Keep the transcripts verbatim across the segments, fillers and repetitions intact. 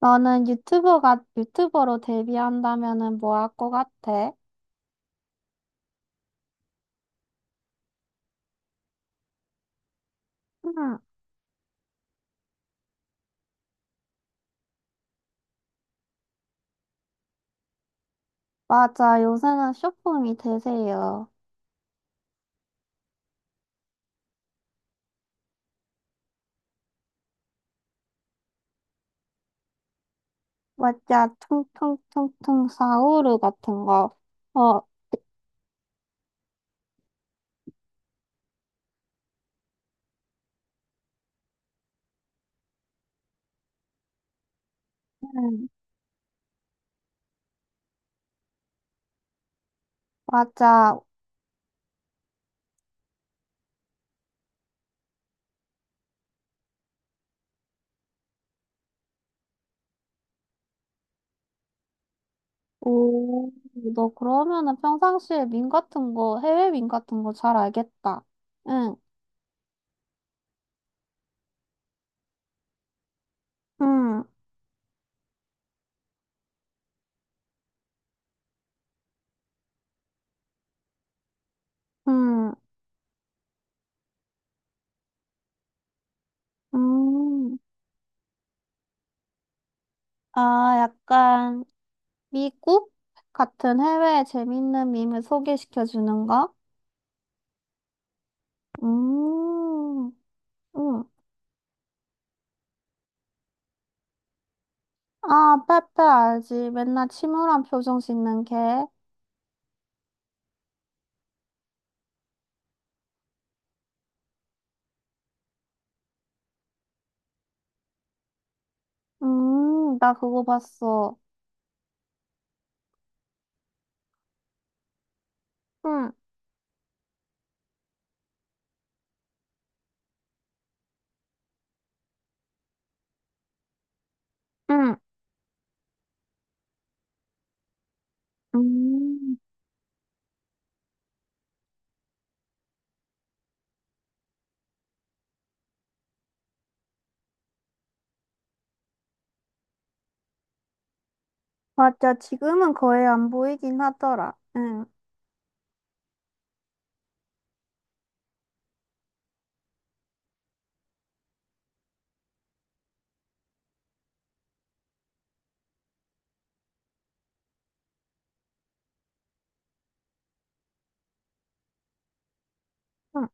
너는 유튜버가, 유튜버로 데뷔한다면은 뭐 할 것 같아? 응, 맞아. 요새는 쇼폼이 대세예요. 맞아. 퉁퉁퉁퉁 사우르 같은 거. 어, 응, 맞아. 오, 너 그러면은 평상시에 밈 같은 거, 해외 밈 같은 거 잘 알겠다. 응, 응, 응, 음. 아, 약간 미국 같은 해외에 재밌는 밈을 소개시켜 주는 거? 음, 음. 아, 빼빼 알지. 맨날 침울한 표정 짓는 걔. 음, 나 그거 봤어. 응, 응, 음. 맞아, 지금은 거의 안 보이긴 하더라. 응, 응.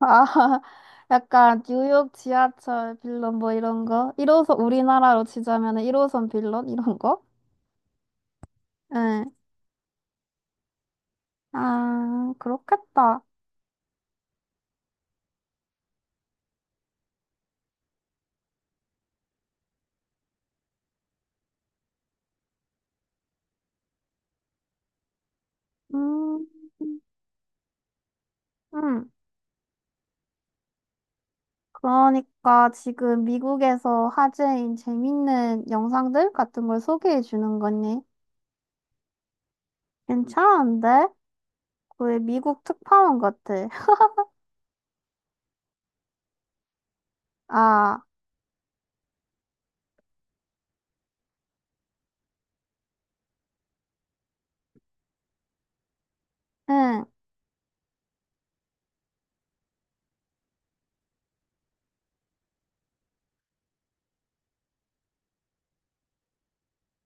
아, 약간 뉴욕 지하철 빌런 뭐 이런 거? 일 호선, 우리나라로 치자면 일 호선 빌런 이런 거? 응. 아, 그렇겠다. 음, 응. 그러니까 지금 미국에서 화제인 재밌는 영상들 같은 걸 소개해 주는 거니? 괜찮은데? 거의 미국 특파원 같아. 아, 응,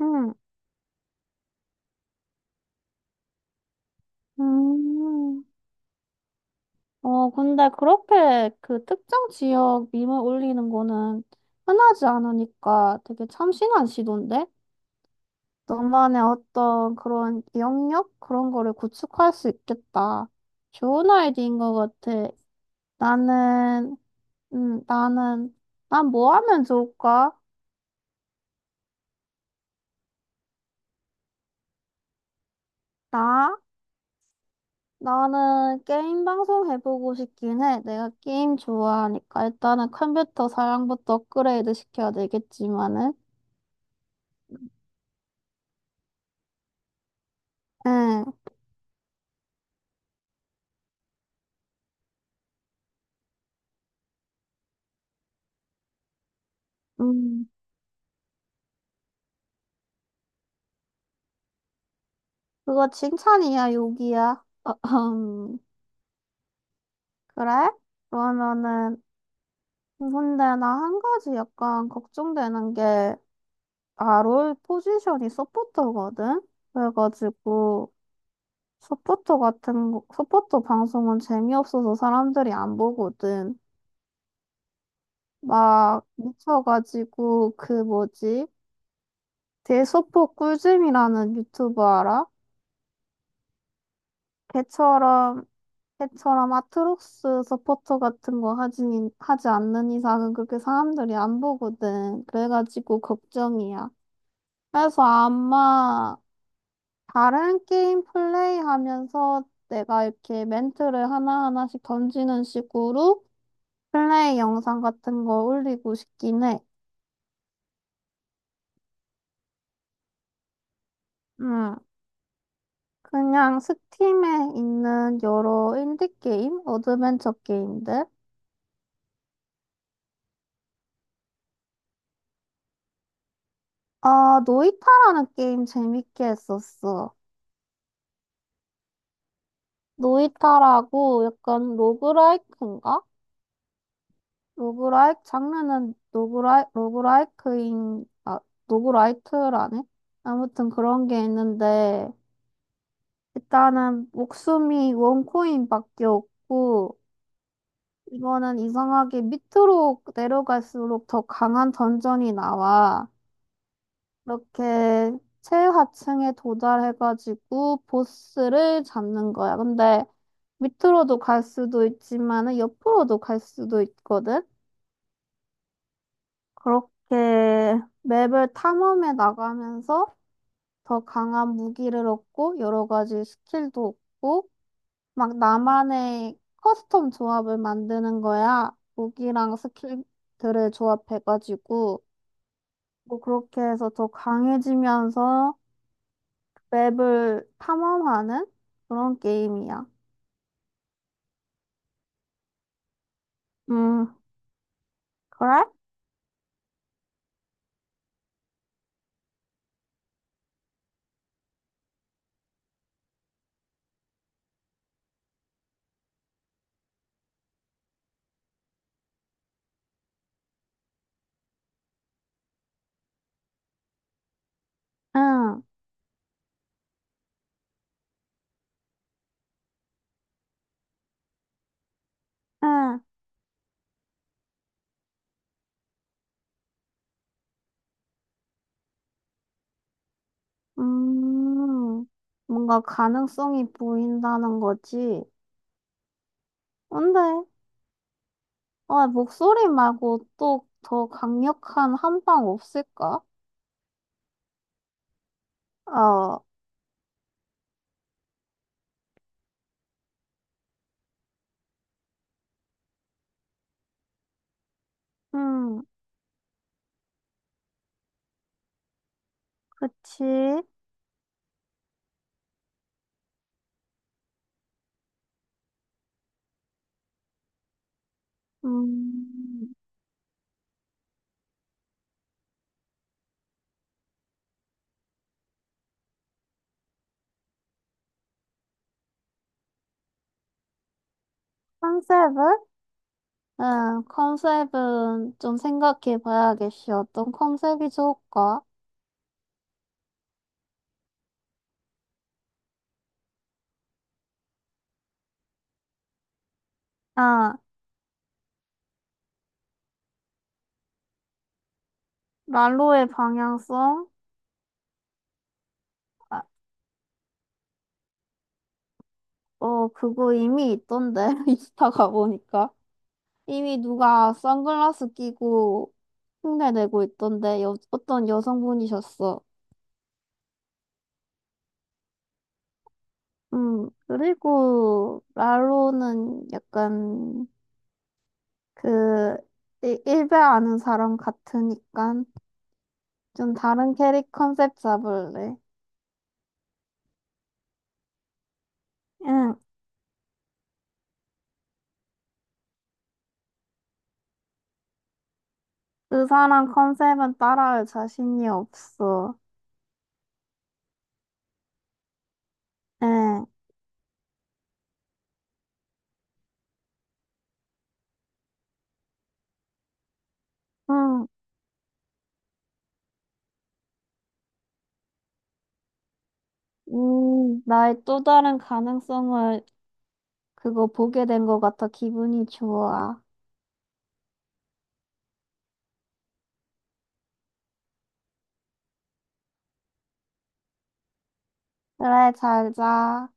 응, 음. 어, 근데 그렇게 그 특정 지역 밈을 올리는 거는 흔하지 않으니까 되게 참신한 시도인데? 너만의 어떤 그런 영역? 그런 거를 구축할 수 있겠다. 좋은 아이디어인 것 같아. 나는 음, 나는, 난 뭐 하면 좋을까? 나? 나는 게임 방송 해보고 싶긴 해. 내가 게임 좋아하니까. 일단은 컴퓨터 사양부터 업그레이드 시켜야 되겠지만은. 응, 음, 그거 칭찬이야, 욕이야? 어흠. 그래? 그러면은, 근데 나 한 가지 약간 걱정되는 게, 아, 롤 포지션이 서포터거든? 그래가지고, 서포터 같은 거, 서포터 방송은 재미없어서 사람들이 안 보거든. 막 미쳐가지고 그 뭐지? 대소포 꿀잼이라는 유튜버 알아? 걔처럼 걔처럼 아트록스 서포터 같은 거 하지 하지 않는 이상은 그렇게 사람들이 안 보거든. 그래가지고 걱정이야. 그래서 아마 다른 게임 플레이하면서 내가 이렇게 멘트를 하나하나씩 던지는 식으로 플레이 영상 같은 거 올리고 싶긴 해. 음, 그냥 스팀에 있는 여러 인디 게임, 어드벤처 게임들. 아, 노이타라는 게임 재밌게 했었어. 노이타라고 약간 로그라이크인가? 로그라이크 장르는 로그라이 로그라이크인 아 로그라이트라네. 아무튼 그런 게 있는데 일단은 목숨이 원코인밖에 없고. 이거는 이상하게 밑으로 내려갈수록 더 강한 던전이 나와. 이렇게 최하층에 도달해가지고 보스를 잡는 거야. 근데 밑으로도 갈 수도 있지만은 옆으로도 갈 수도 있거든. 그렇게 맵을 탐험해 나가면서 더 강한 무기를 얻고 여러 가지 스킬도 얻고 막 나만의 커스텀 조합을 만드는 거야. 무기랑 스킬들을 조합해가지고, 뭐 그렇게 해서 더 강해지면서 맵을 탐험하는 그런 게임이야. 음, 그래? 응, 응, 음, 뭔가 가능성이 보인다는 거지. 근데, 아, 목소리 말고 또 더 강력한 한방 없을까? 어, 음, 그치. 음. 컨셉을? 응, 컨셉은 좀 생각해 봐야겠어. 어떤 컨셉이 좋을까? 아, 난로의 방향성? 아, 어, 그거 이미 있던데. 인스타 가보니까. 이미 누가 선글라스 끼고 흉내내고 있던데. 여, 어떤 여성분이셨어. 음, 그리고 랄로는 약간 그 일- 일배 아는 사람 같으니까 좀 다른 캐릭 컨셉 잡을래. 응. 의사랑 컨셉은 따라할 자신이 없어. 에, 응, 음, 나의 또 다른 가능성을 그거 보게 된 것 같아 기분이 좋아. 그래, 잘 자.